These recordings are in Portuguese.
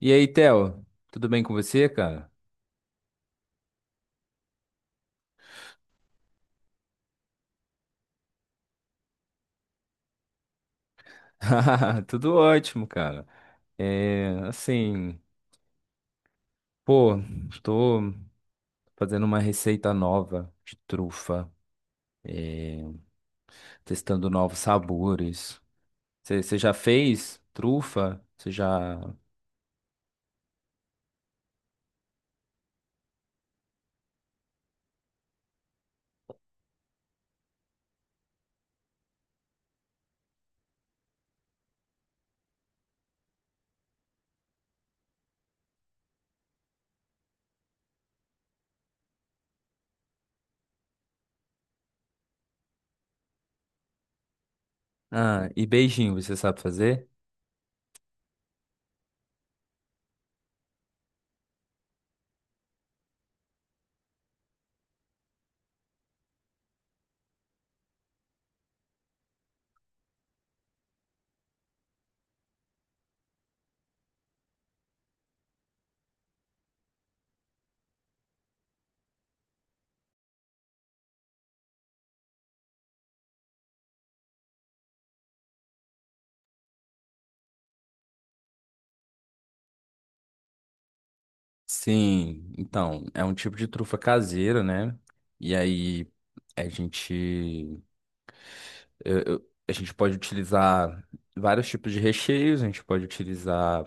E aí, Theo, tudo bem com você, cara? Tudo ótimo, cara. É, assim, pô, estou fazendo uma receita nova de trufa, é, testando novos sabores. Você já fez trufa? Você já. Ah, e beijinho, você sabe fazer? Sim, então, é um tipo de trufa caseira, né? E aí, a gente a gente pode utilizar vários tipos de recheios, a gente pode utilizar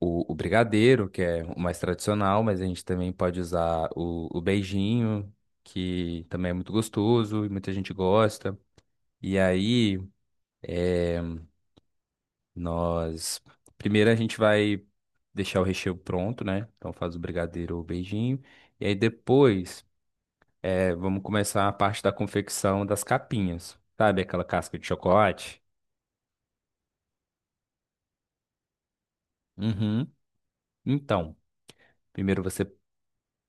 o brigadeiro, que é o mais tradicional, mas a gente também pode usar o beijinho, que também é muito gostoso e muita gente gosta. E aí, nós. Primeiro a gente vai deixar o recheio pronto, né? Então faz o brigadeiro ou o beijinho. E aí depois, vamos começar a parte da confecção das capinhas. Sabe aquela casca de chocolate? Uhum. Então. Primeiro você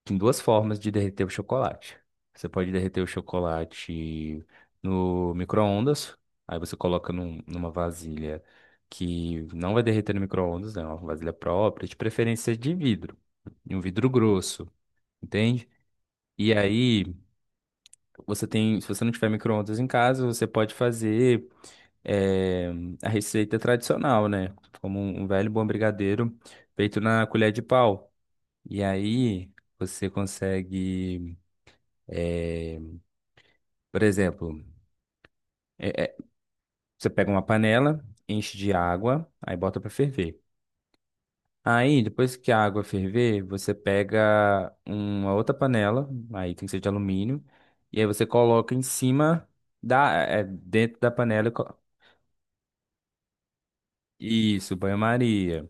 Tem duas formas de derreter o chocolate. Você pode derreter o chocolate no micro-ondas, aí você coloca numa vasilha que não vai derreter no micro-ondas, né? É uma vasilha própria, de preferência de vidro, de um vidro grosso, entende? E aí você tem, se você não tiver micro-ondas em casa, você pode fazer eh, a receita tradicional, né? Como um velho bom brigadeiro feito na colher de pau. E aí você consegue, por exemplo. É, Você pega uma panela, enche de água, aí bota pra ferver. Aí, depois que a água ferver, você pega uma outra panela, aí tem que ser de alumínio, e aí você coloca em cima dentro da panela. Isso, banho-maria.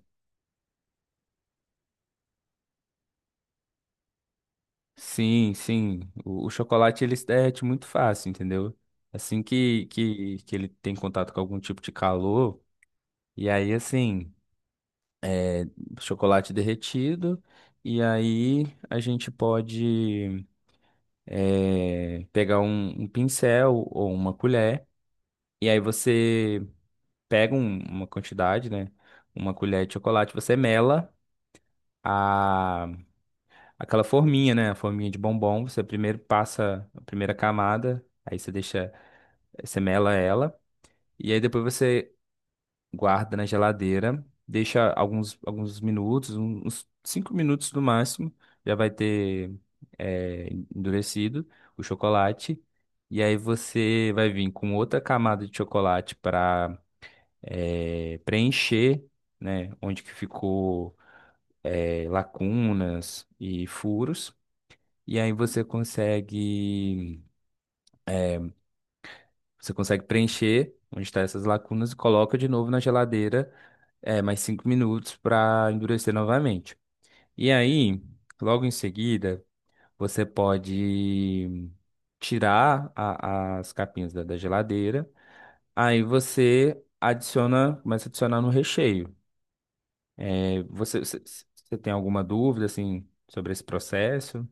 Sim, sim. O chocolate ele se derrete muito fácil, entendeu? Assim que ele tem contato com algum tipo de calor, e aí assim, chocolate derretido, e aí a gente pode. É, pegar um pincel ou uma colher, e aí você pega uma quantidade, né? Uma colher de chocolate, você mela a, aquela forminha, né? A forminha de bombom. Você primeiro passa a primeira camada, aí você deixa, você mela ela, e aí depois você guarda na geladeira, deixa alguns minutos, uns 5 minutos no máximo, já vai ter é, endurecido o chocolate. E aí você vai vir com outra camada de chocolate para preencher, né, onde que ficou lacunas e furos. E aí você consegue preencher onde estão essas lacunas e coloca de novo na geladeira mais cinco minutos para endurecer novamente. E aí, logo em seguida, você pode tirar as capinhas da geladeira. Aí você adiciona, começa a adicionar no recheio. Você tem alguma dúvida assim sobre esse processo?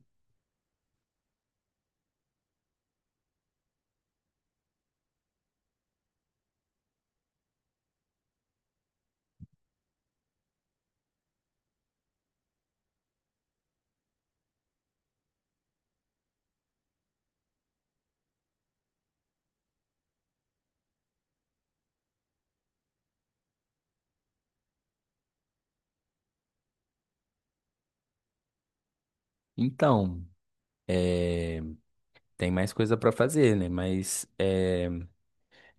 Então, é, tem mais coisa para fazer, né? Mas é,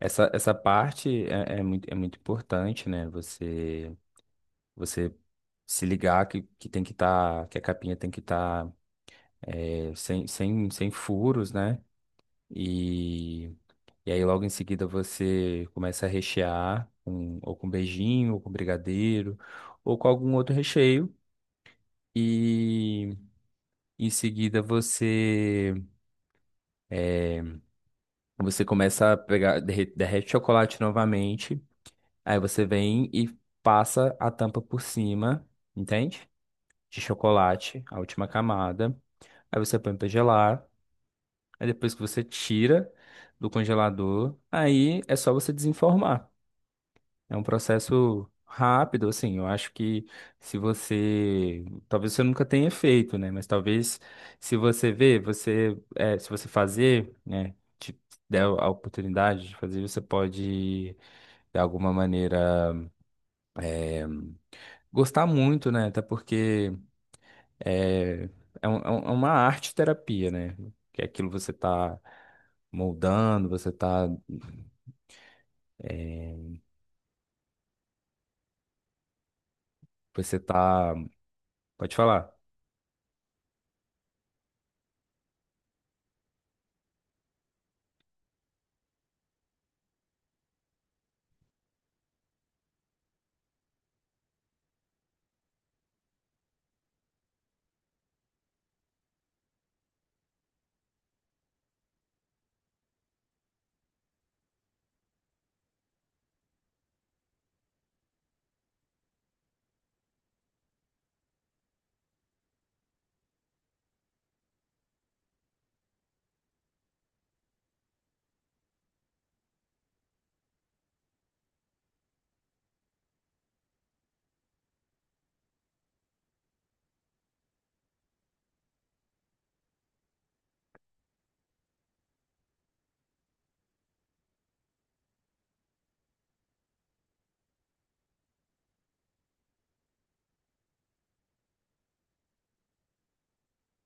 essa, essa parte é muito importante, né? Você se ligar que tem que estar, que a capinha tem que estar sem furos, né? E, e aí logo em seguida você começa a rechear com, ou com beijinho, ou com brigadeiro, ou com algum outro recheio. E em seguida você começa a pegar, derrete o chocolate novamente. Aí você vem e passa a tampa por cima, entende? De chocolate, a última camada. Aí você põe pra gelar. Aí depois que você tira do congelador, aí é só você desenformar. É um processo rápido, assim. Eu acho que se você, talvez você nunca tenha feito, né? Mas talvez se você ver, se você fazer, né? Te der a oportunidade de fazer, você pode de alguma maneira gostar muito, né? Até porque é, é uma arte terapia, né? Que é aquilo que você tá moldando, você tá. Você tá. Pode falar.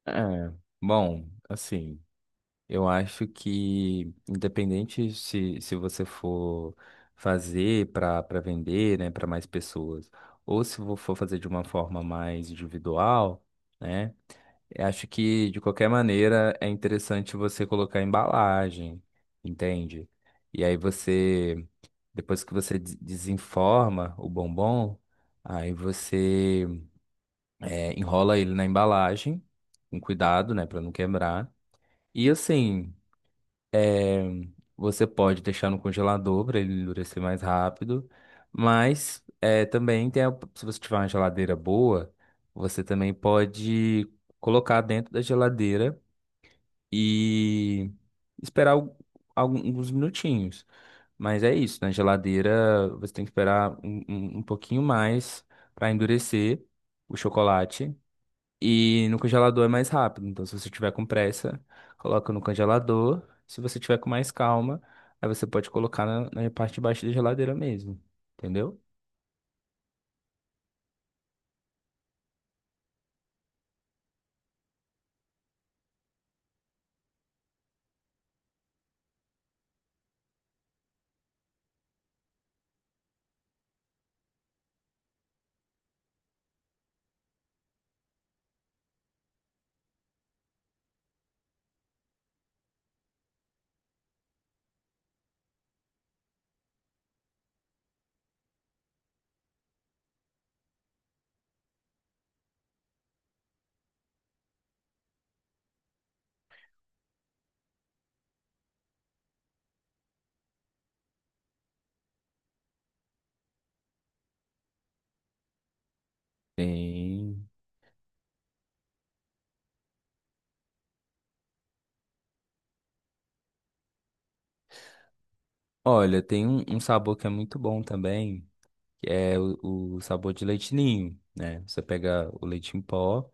É, bom, assim, eu acho que independente se, se você for fazer para vender, né, para mais pessoas, ou se vo- for fazer de uma forma mais individual, né, eu acho que de qualquer maneira é interessante você colocar embalagem, entende? E aí você, depois que você desenforma o bombom, aí você enrola ele na embalagem, com cuidado, né, para não quebrar. E assim, você pode deixar no congelador para ele endurecer mais rápido, mas também tem se você tiver uma geladeira boa, você também pode colocar dentro da geladeira e esperar alguns minutinhos. Mas é isso, na geladeira você tem que esperar um pouquinho mais para endurecer o chocolate. E no congelador é mais rápido. Então, se você tiver com pressa, coloca no congelador. Se você tiver com mais calma, aí você pode colocar na, na parte de baixo da geladeira mesmo. Entendeu? Tem. Olha, tem um sabor que é muito bom também, que é o sabor de leite ninho, né? Você pega o leite em pó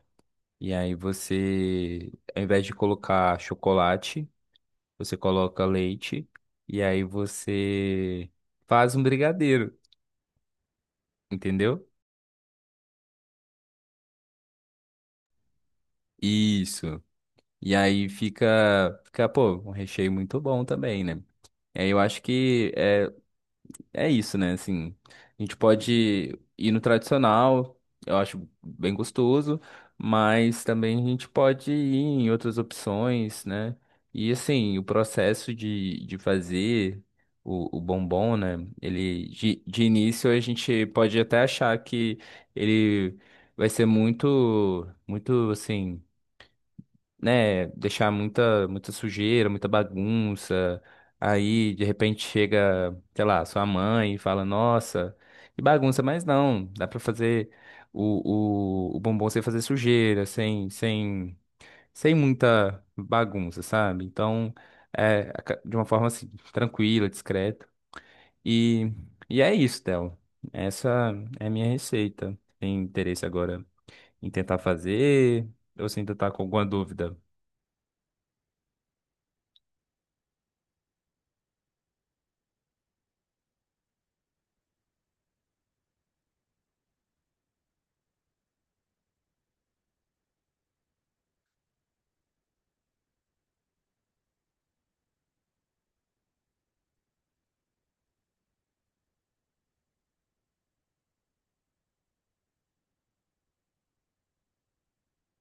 e aí você, ao invés de colocar chocolate, você coloca leite e aí você faz um brigadeiro, entendeu? Isso. E aí fica, fica, pô, um recheio muito bom também, né? E aí eu acho que é isso, né? Assim, a gente pode ir no tradicional, eu acho bem gostoso, mas também a gente pode ir em outras opções, né? E assim, o processo de fazer o bombom, né? Ele, de início a gente pode até achar que ele vai ser muito, assim né, deixar muita sujeira, muita bagunça. Aí, de repente, chega, sei lá, sua mãe e fala, nossa, que bagunça, mas não, dá pra fazer o bombom sem fazer sujeira, sem muita bagunça, sabe? Então, de uma forma assim, tranquila, discreta. E, e é isso, Théo. Essa é a minha receita. Tem interesse agora em tentar fazer ou se ainda tá com alguma dúvida?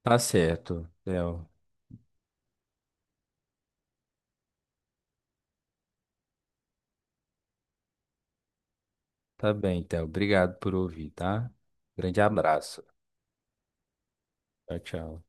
Tá certo, Theo. Tá bem, Theo. Obrigado por ouvir, tá? Grande abraço. Tchau, tchau.